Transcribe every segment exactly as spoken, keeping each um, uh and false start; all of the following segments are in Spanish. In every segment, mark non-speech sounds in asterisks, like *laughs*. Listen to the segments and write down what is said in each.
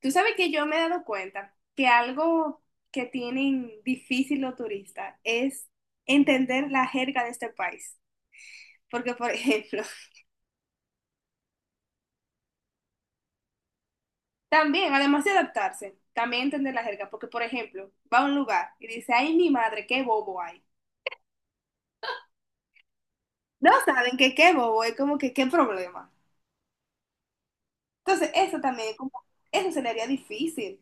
Tú sabes que yo me he dado cuenta que algo que tienen difícil los turistas es entender la jerga de este país. Porque, por ejemplo, *laughs* también, además de adaptarse, también entender la jerga. Porque, por ejemplo, va a un lugar y dice, ay, mi madre, qué bobo hay. No saben que qué bobo es como que qué problema. Entonces, eso también, como, eso se le haría difícil.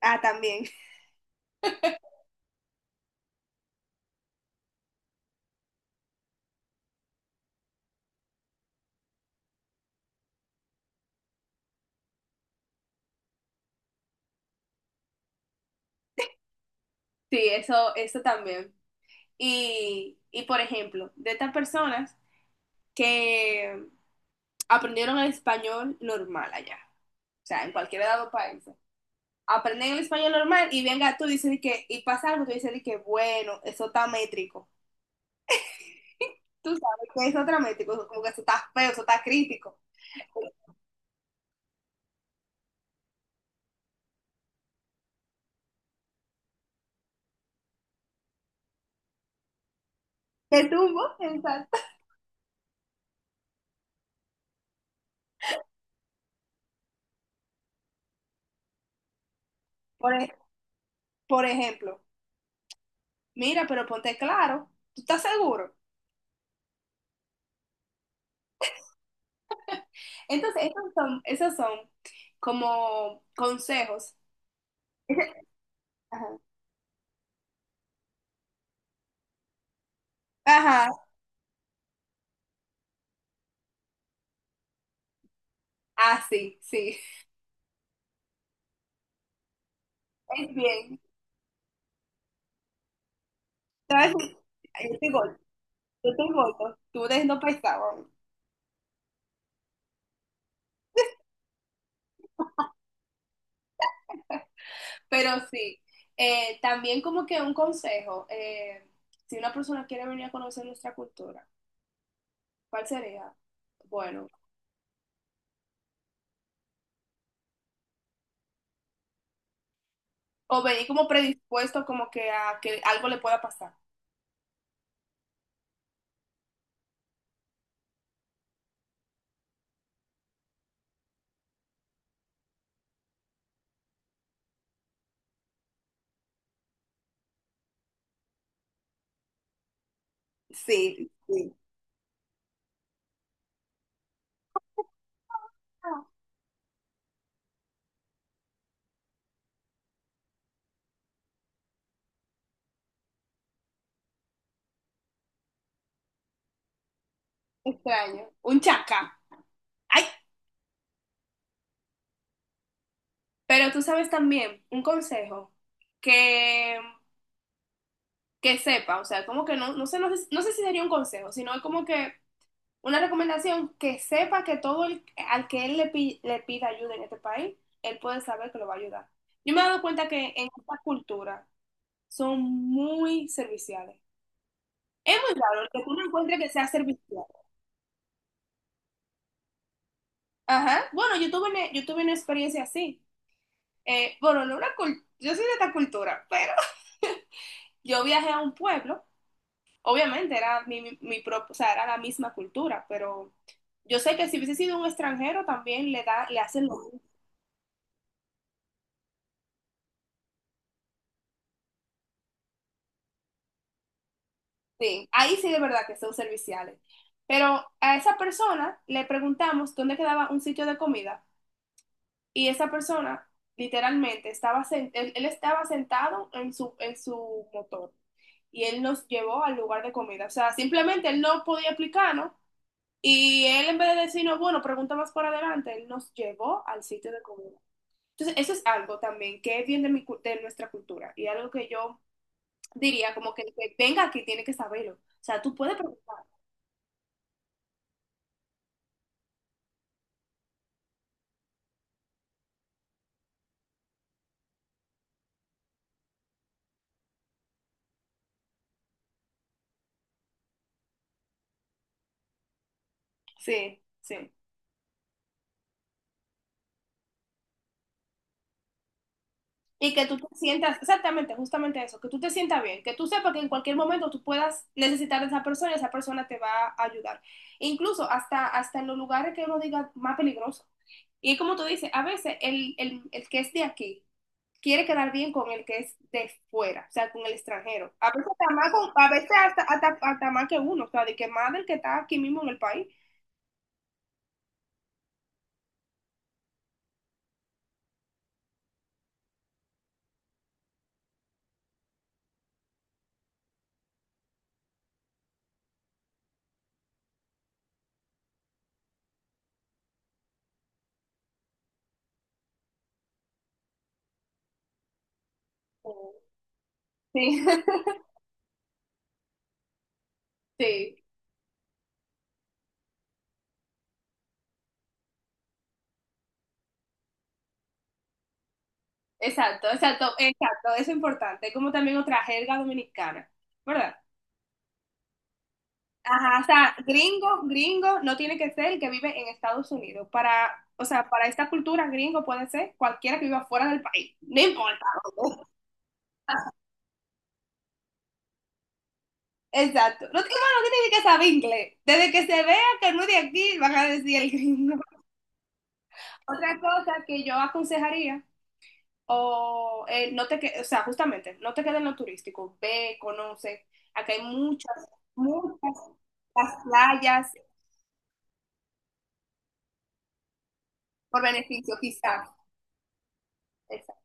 Ah, también. *laughs* Sí, eso, eso también. Y, y, por ejemplo, de estas personas que aprendieron el español normal allá, o sea, en cualquier de los países. Aprenden el español normal y venga tú y dices que, y pasa algo, tú dices que, bueno, eso está métrico. Tú sabes que eso está métrico, eso- como que eso está feo, eso está crítico. Te tumbo, exacto. Por, ej- por ejemplo, mira, pero ponte claro, ¿tú estás seguro? Entonces, esos son, esos son como consejos. *laughs* Ajá. Ajá. Ah, sí, sí, es bien. Te voy a decir- Ay, yo estoy gorda. Yo te voto, tú eres no pesado. Pero sí, eh, también como que un consejo, eh, si una persona quiere venir a conocer nuestra cultura, ¿cuál sería? Bueno, o venir como predispuesto como que a que algo le pueda pasar. Sí, sí. Ah, extraño, un chacá. Ay, pero tú sabes también, un consejo que, que sepa, o sea, como que no, no sé, no sé, no sé si sería un consejo, sino como que una recomendación, que sepa que todo el, al que él le, pi- le pida ayuda en este país, él puede saber que lo va a ayudar. Yo me he dado cuenta que en esta cultura son muy serviciales. Es muy raro el que tú no encuentres que sea servicial. Ajá. Bueno, yo tuve, una- yo tuve una experiencia así. Eh, bueno, no una cul- yo soy de esta cultura, pero *laughs* yo viajé a un pueblo. Obviamente era mi, mi, mi pro- o sea, era la misma cultura, pero yo sé que si hubiese sido un extranjero también le da, le hacen lo... Sí, ahí sí de verdad que son serviciales. Pero a esa persona le preguntamos dónde quedaba un sitio de comida y esa persona literalmente estaba, sen- él, él estaba sentado en su, en su motor y él nos llevó al lugar de comida. O sea, simplemente él no podía explicarnos y él en vez de decirnos, bueno, pregunta más por adelante, él nos llevó al sitio de comida. Entonces, eso es algo también que es bien de, mi, cu- de nuestra cultura y algo que yo diría como que el que venga aquí tiene que saberlo. O sea, tú puedes... Sí, sí. Y que tú te sientas, exactamente, justamente eso, que tú te sientas bien, que tú sepas que en cualquier momento tú puedas necesitar a esa persona y esa persona te va a ayudar. Incluso hasta, hasta en los lugares que uno diga más peligroso. Y como tú dices, a veces el, el, el que es de aquí quiere quedar bien con el que es de fuera, o sea, con el extranjero. A veces hasta más, con- a veces hasta, hasta, hasta más que uno, o sea, de que más del que está aquí mismo en el país. Sí, *laughs* sí. Exacto, exacto, exacto, eso es importante, como también otra jerga dominicana, ¿verdad? Ajá, o sea, gringo, gringo, no tiene que ser el que vive en Estados Unidos. Para, o sea, para esta cultura, gringo puede ser cualquiera que viva fuera del país, no importa. ¿No? Exacto, no, tiene- bueno, no tiene ni que saber inglés. Desde que se vea que no es de aquí, van a decir el gringo. *laughs* Otra cosa que yo aconsejaría, o eh, no te que, o sea, justamente, no te quedes en lo turístico, ve, conoce. Acá hay muchas, muchas... las playas por beneficio, quizás. Exacto.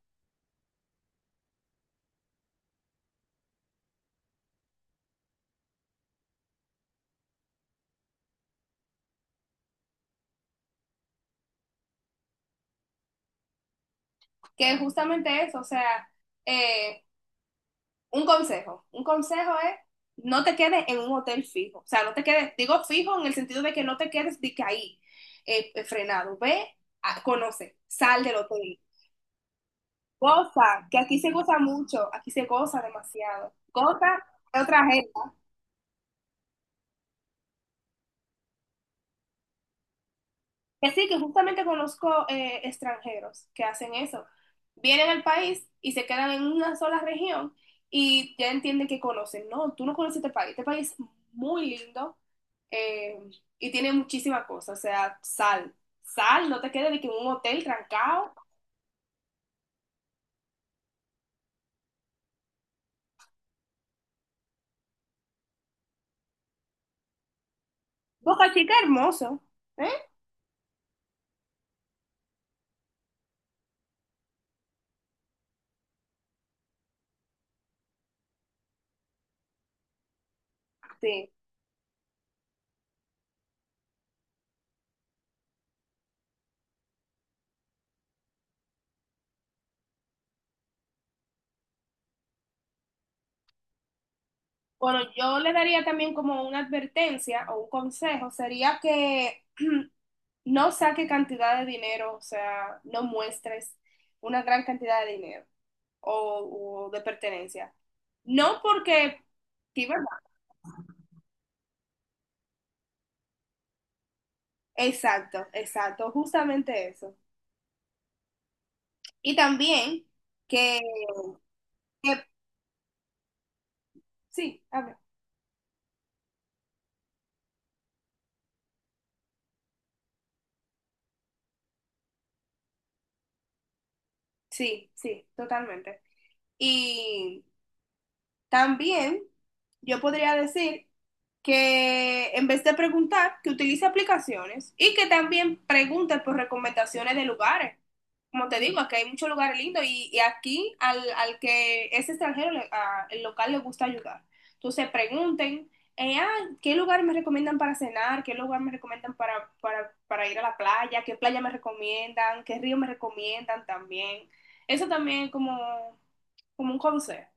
Que justamente eso, o sea, eh, un consejo. Un consejo es no te quedes en un hotel fijo. O sea, no te quedes, digo fijo en el sentido de que no te quedes de que ahí, eh, eh, frenado. Ve, a- conoce, sal del hotel. Goza, que aquí se goza mucho, aquí se goza demasiado. Goza de otra gente. Que sí, que justamente conozco eh, extranjeros que hacen eso. Vienen al país y se quedan en una sola región y ya entienden que conocen. No, tú no conoces este país. Este país es muy lindo, eh, y tiene muchísimas cosas. O sea, sal. Sal, no te quedes de que en un hotel trancado. Boca Chica hermoso. ¿Eh? Sí. Bueno, yo le daría también como una advertencia o un consejo. Sería que *clears throat* no saque cantidad de dinero, o sea, no muestres una gran cantidad de dinero o, o de pertenencia. No porque, sí, ¿verdad? Exacto, exacto, justamente eso. Y también que, que- sí, a ver, sí, sí, totalmente. Y también yo podría decir que en vez de preguntar, que utilice aplicaciones y que también pregunte por recomendaciones de lugares. Como te digo, aquí hay muchos lugares lindos y, y aquí al, al que es extranjero, le- a- el local le gusta ayudar. Entonces pregunten, eh, ah, ¿qué lugar me recomiendan para cenar? ¿Qué lugar me recomiendan para, para, para ir a la playa? ¿Qué playa me recomiendan? ¿Qué río me recomiendan también? Eso también es como, como un consejo.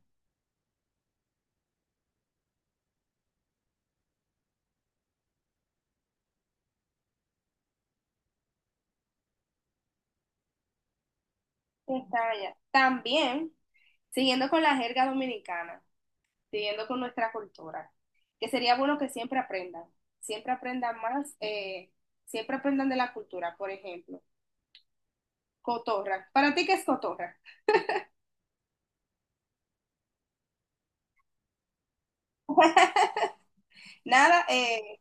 Estaba allá. También, siguiendo con la jerga dominicana, siguiendo con nuestra cultura, que sería bueno que siempre aprendan, siempre aprendan más, eh, siempre aprendan de la cultura, por ejemplo, cotorra. ¿Para ti qué es cotorra? *laughs* Nada, eh,